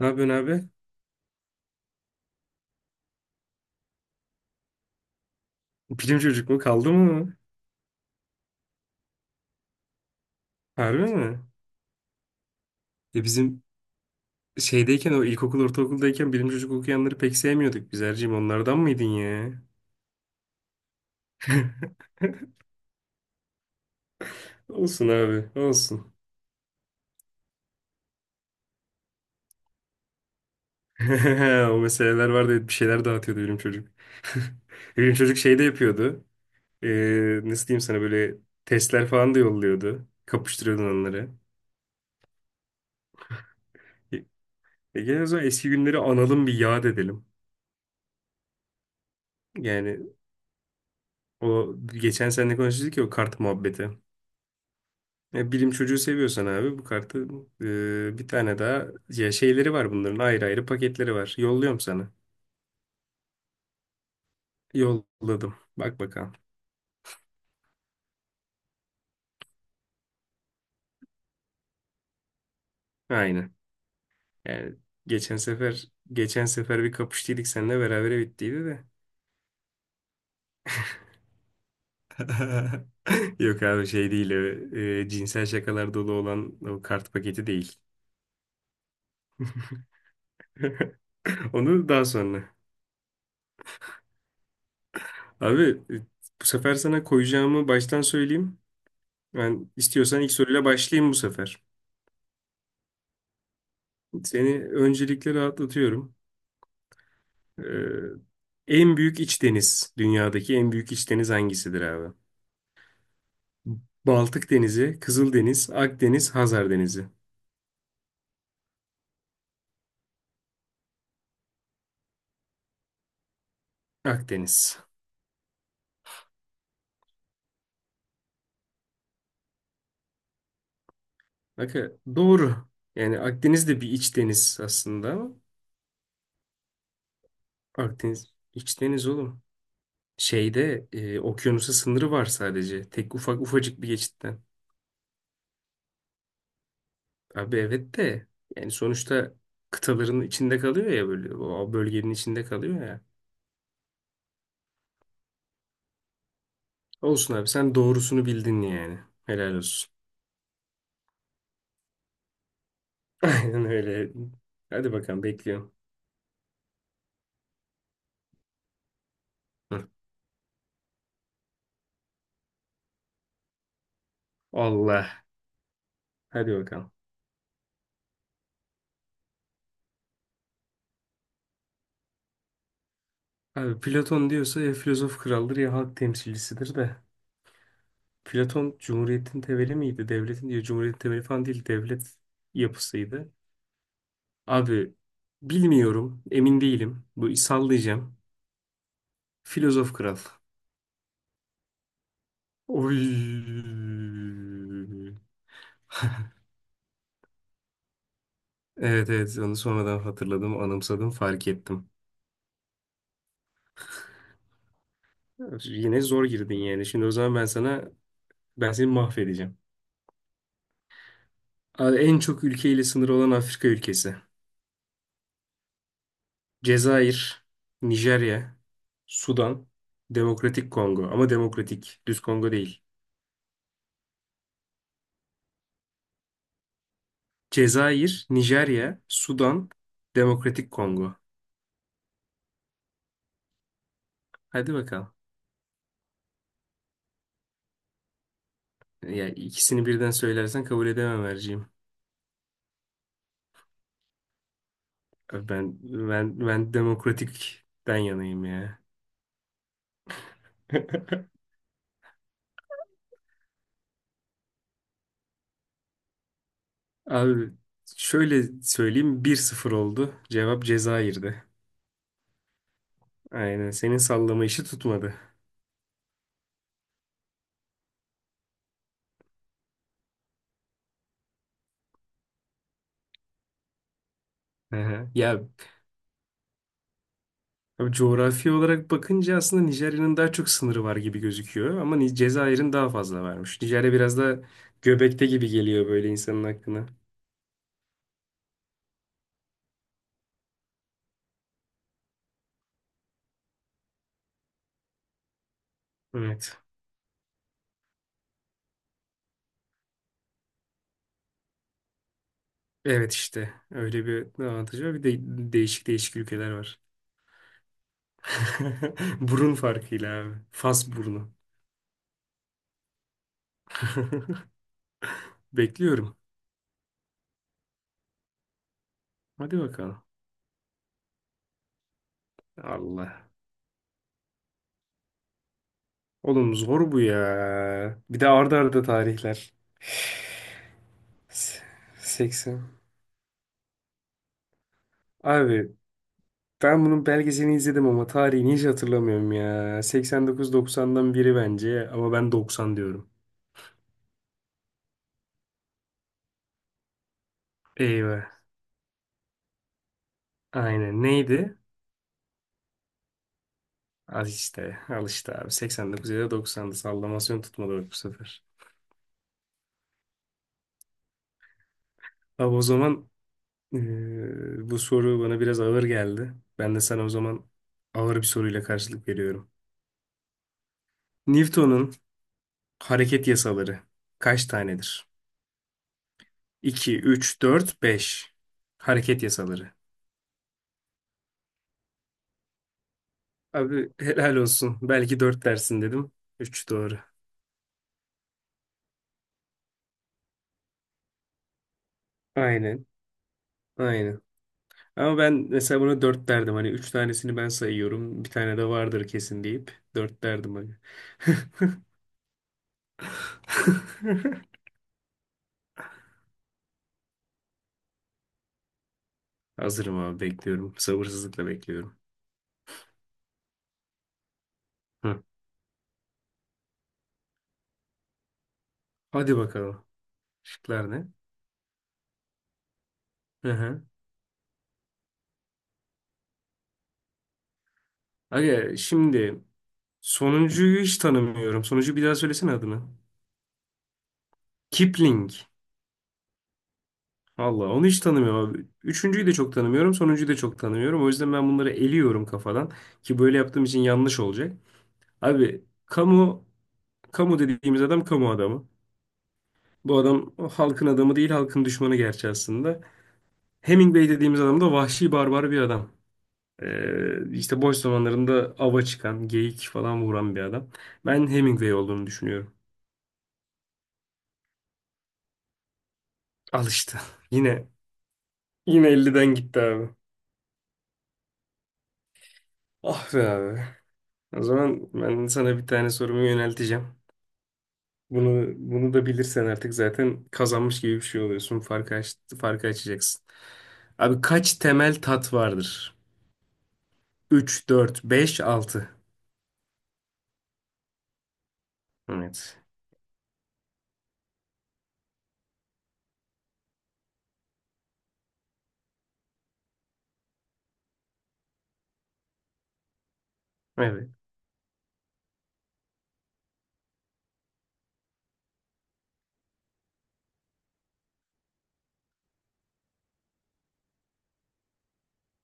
Ne yapıyorsun abi? Bilim çocuk mu? Kaldı mı? Harbi mi? Ya bizim şeydeyken o ilkokul ortaokuldayken bilim çocuk okuyanları pek sevmiyorduk biz Erciğim. Onlardan mıydın ya? Olsun abi olsun. O meseleler vardı evet, bir şeyler dağıtıyordu bilim çocuk. Bilim çocuk şey de yapıyordu. Nasıl diyeyim sana böyle testler falan da yolluyordu. Kapıştırıyordun onları. E, gel o zaman eski günleri analım bir yad edelim. Yani o geçen seninle konuştuk ya o kart muhabbeti. Ya bilim çocuğu seviyorsan abi bu kartı bir tane daha ya şeyleri var bunların ayrı ayrı paketleri var. Yolluyorum sana. Yolladım. Bak bakalım. Aynen. Yani geçen sefer geçen sefer bir kapıştıydık seninle beraber bittiydi de. Yok abi şey değil o, cinsel şakalar dolu olan o kart paketi değil. Onu daha sonra. Abi e, bu sefer sana koyacağımı baştan söyleyeyim. Ben istiyorsan ilk soruyla başlayayım bu sefer. Seni öncelikle rahatlatıyorum. Ee, en büyük iç deniz, dünyadaki en büyük iç deniz hangisidir abi? Baltık Denizi, Kızıldeniz, Akdeniz, Hazar Denizi. Akdeniz. Bakın doğru. Yani Akdeniz de bir iç deniz aslında ama Akdeniz iç deniz oğlum. Şeyde okyanusa sınırı var sadece. Tek ufak ufacık bir geçitten. Abi evet de yani sonuçta kıtaların içinde kalıyor ya böyle o bölgenin içinde kalıyor ya. Olsun abi sen doğrusunu bildin yani. Helal olsun. Aynen öyle. Hadi bakalım bekliyorum. Hı. Allah. Hadi bakalım. Abi Platon diyorsa ya filozof kraldır ya halk temsilcisidir de. Platon cumhuriyetin temeli miydi? Devletin diyor cumhuriyetin temeli falan değil. Devlet yapısıydı. Abi bilmiyorum. Emin değilim. Bu sallayacağım. Filozof kral. Oy. Evet evet onu sonradan hatırladım, anımsadım, fark ettim. Yine zor girdin yani. Şimdi o zaman ben seni mahvedeceğim. Abi en çok ülkeyle sınırı olan Afrika ülkesi. Cezayir, Nijerya, Sudan, Demokratik Kongo. Ama demokratik, düz Kongo değil. Cezayir, Nijerya, Sudan, Demokratik Kongo. Hadi bakalım. Ya ikisini birden söylersen kabul edemem Erciğim. Abi Ben demokratikten yanayım ya. Abi şöyle söyleyeyim 1-0 oldu. Cevap Cezayir'di. Aynen senin sallama işi tutmadı. Hı hı. Ya abi coğrafi olarak bakınca aslında Nijerya'nın daha çok sınırı var gibi gözüküyor. Ama Cezayir'in daha fazla varmış. Nijerya biraz da göbekte gibi geliyor böyle insanın aklına. Evet. Evet işte. Öyle bir avantajı var. Bir de değişik değişik ülkeler var. Burun farkıyla abi. Fas burnu. Bekliyorum. Hadi bakalım. Allah. Oğlum zor bu ya. Bir de arda arda tarihler. 80. Abi ben bunun belgeselini izledim ama tarihini hiç hatırlamıyorum ya. 89-90'dan biri bence ama ben 90 diyorum. Eyvah. Aynen. Neydi? Al işte. Al işte abi. 89 ya da 90'dı. Sallamasyon tutmadı bak bu sefer. Abi o zaman eee, bu soru bana biraz ağır geldi. Ben de sana o zaman ağır bir soruyla karşılık veriyorum. Newton'un hareket yasaları kaç tanedir? 2, 3, 4, 5. Hareket yasaları. Abi helal olsun. Belki dört dersin dedim. Üç doğru. Aynen. Aynen. Ama ben mesela buna dört derdim. Hani üç tanesini ben sayıyorum. Bir tane de vardır kesin deyip dört derdim hani. Hazırım abi bekliyorum. Sabırsızlıkla bekliyorum. Hı. Hadi bakalım. Şıklar ne? Hı hı. Aga şimdi sonuncuyu hiç tanımıyorum. Sonuncu bir daha söylesene adını. Kipling. Allah onu hiç tanımıyorum abi. Üçüncüyü de çok tanımıyorum. Sonuncuyu da çok tanımıyorum. O yüzden ben bunları eliyorum kafadan. Ki böyle yaptığım için yanlış olacak. Abi kamu dediğimiz adam kamu adamı. Bu adam o halkın adamı değil halkın düşmanı gerçi aslında. Hemingway dediğimiz adam da vahşi barbar bir adam. İşte boş zamanlarında ava çıkan, geyik falan vuran bir adam. Ben Hemingway olduğunu düşünüyorum. Al işte. Yine yine 50'den gitti abi. Ah be abi. O zaman ben sana bir tane sorumu yönelteceğim. Bunu da bilirsen artık zaten kazanmış gibi bir şey oluyorsun. Farkı aç, farkı açacaksın. Abi kaç temel tat vardır? Üç, dört, beş, altı. Evet. Evet.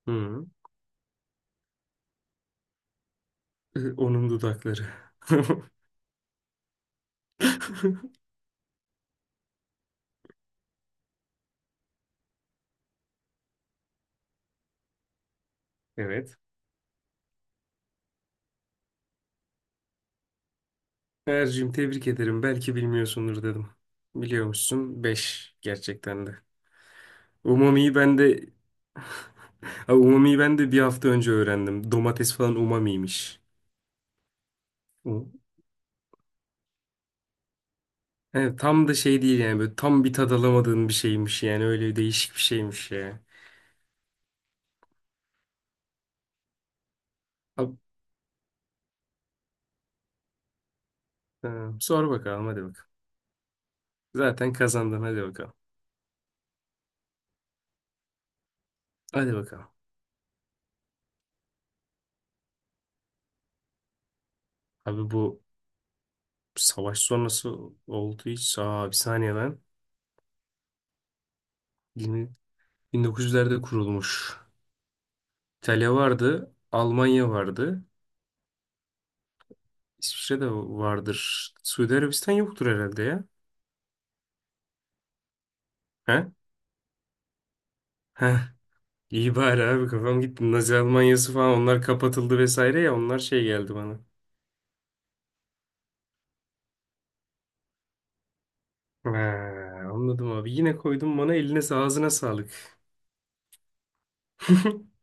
Hı. Onun dudakları. Evet. Ercim tebrik ederim. Belki bilmiyorsundur dedim. Biliyormuşsun. Beş gerçekten de. Umami'yi ben de abi umami'yi ben de bir hafta önce öğrendim. Domates falan umamiymiş. Evet, tam da şey değil yani böyle tam bir tad alamadığın bir şeymiş yani öyle değişik bir şeymiş ya. Abi, e, sor bakalım hadi bakalım. Zaten kazandın hadi bakalım. Hadi bakalım. Abi bu savaş sonrası oldu hiç. Aa bir saniye lan. 20 1900'lerde kurulmuş. İtalya vardı, Almanya vardı, İsviçre de vardır. Suudi Arabistan yoktur herhalde ya. He? Heh. İyi bari abi kafam gitti. Nazi Almanyası falan onlar kapatıldı vesaire ya onlar şey geldi bana. He, anladım abi. Yine koydum bana eline ağzına sağlık.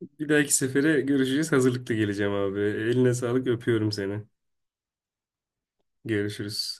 Bir dahaki sefere görüşeceğiz. Hazırlıklı geleceğim abi. Eline sağlık. Öpüyorum seni. Görüşürüz.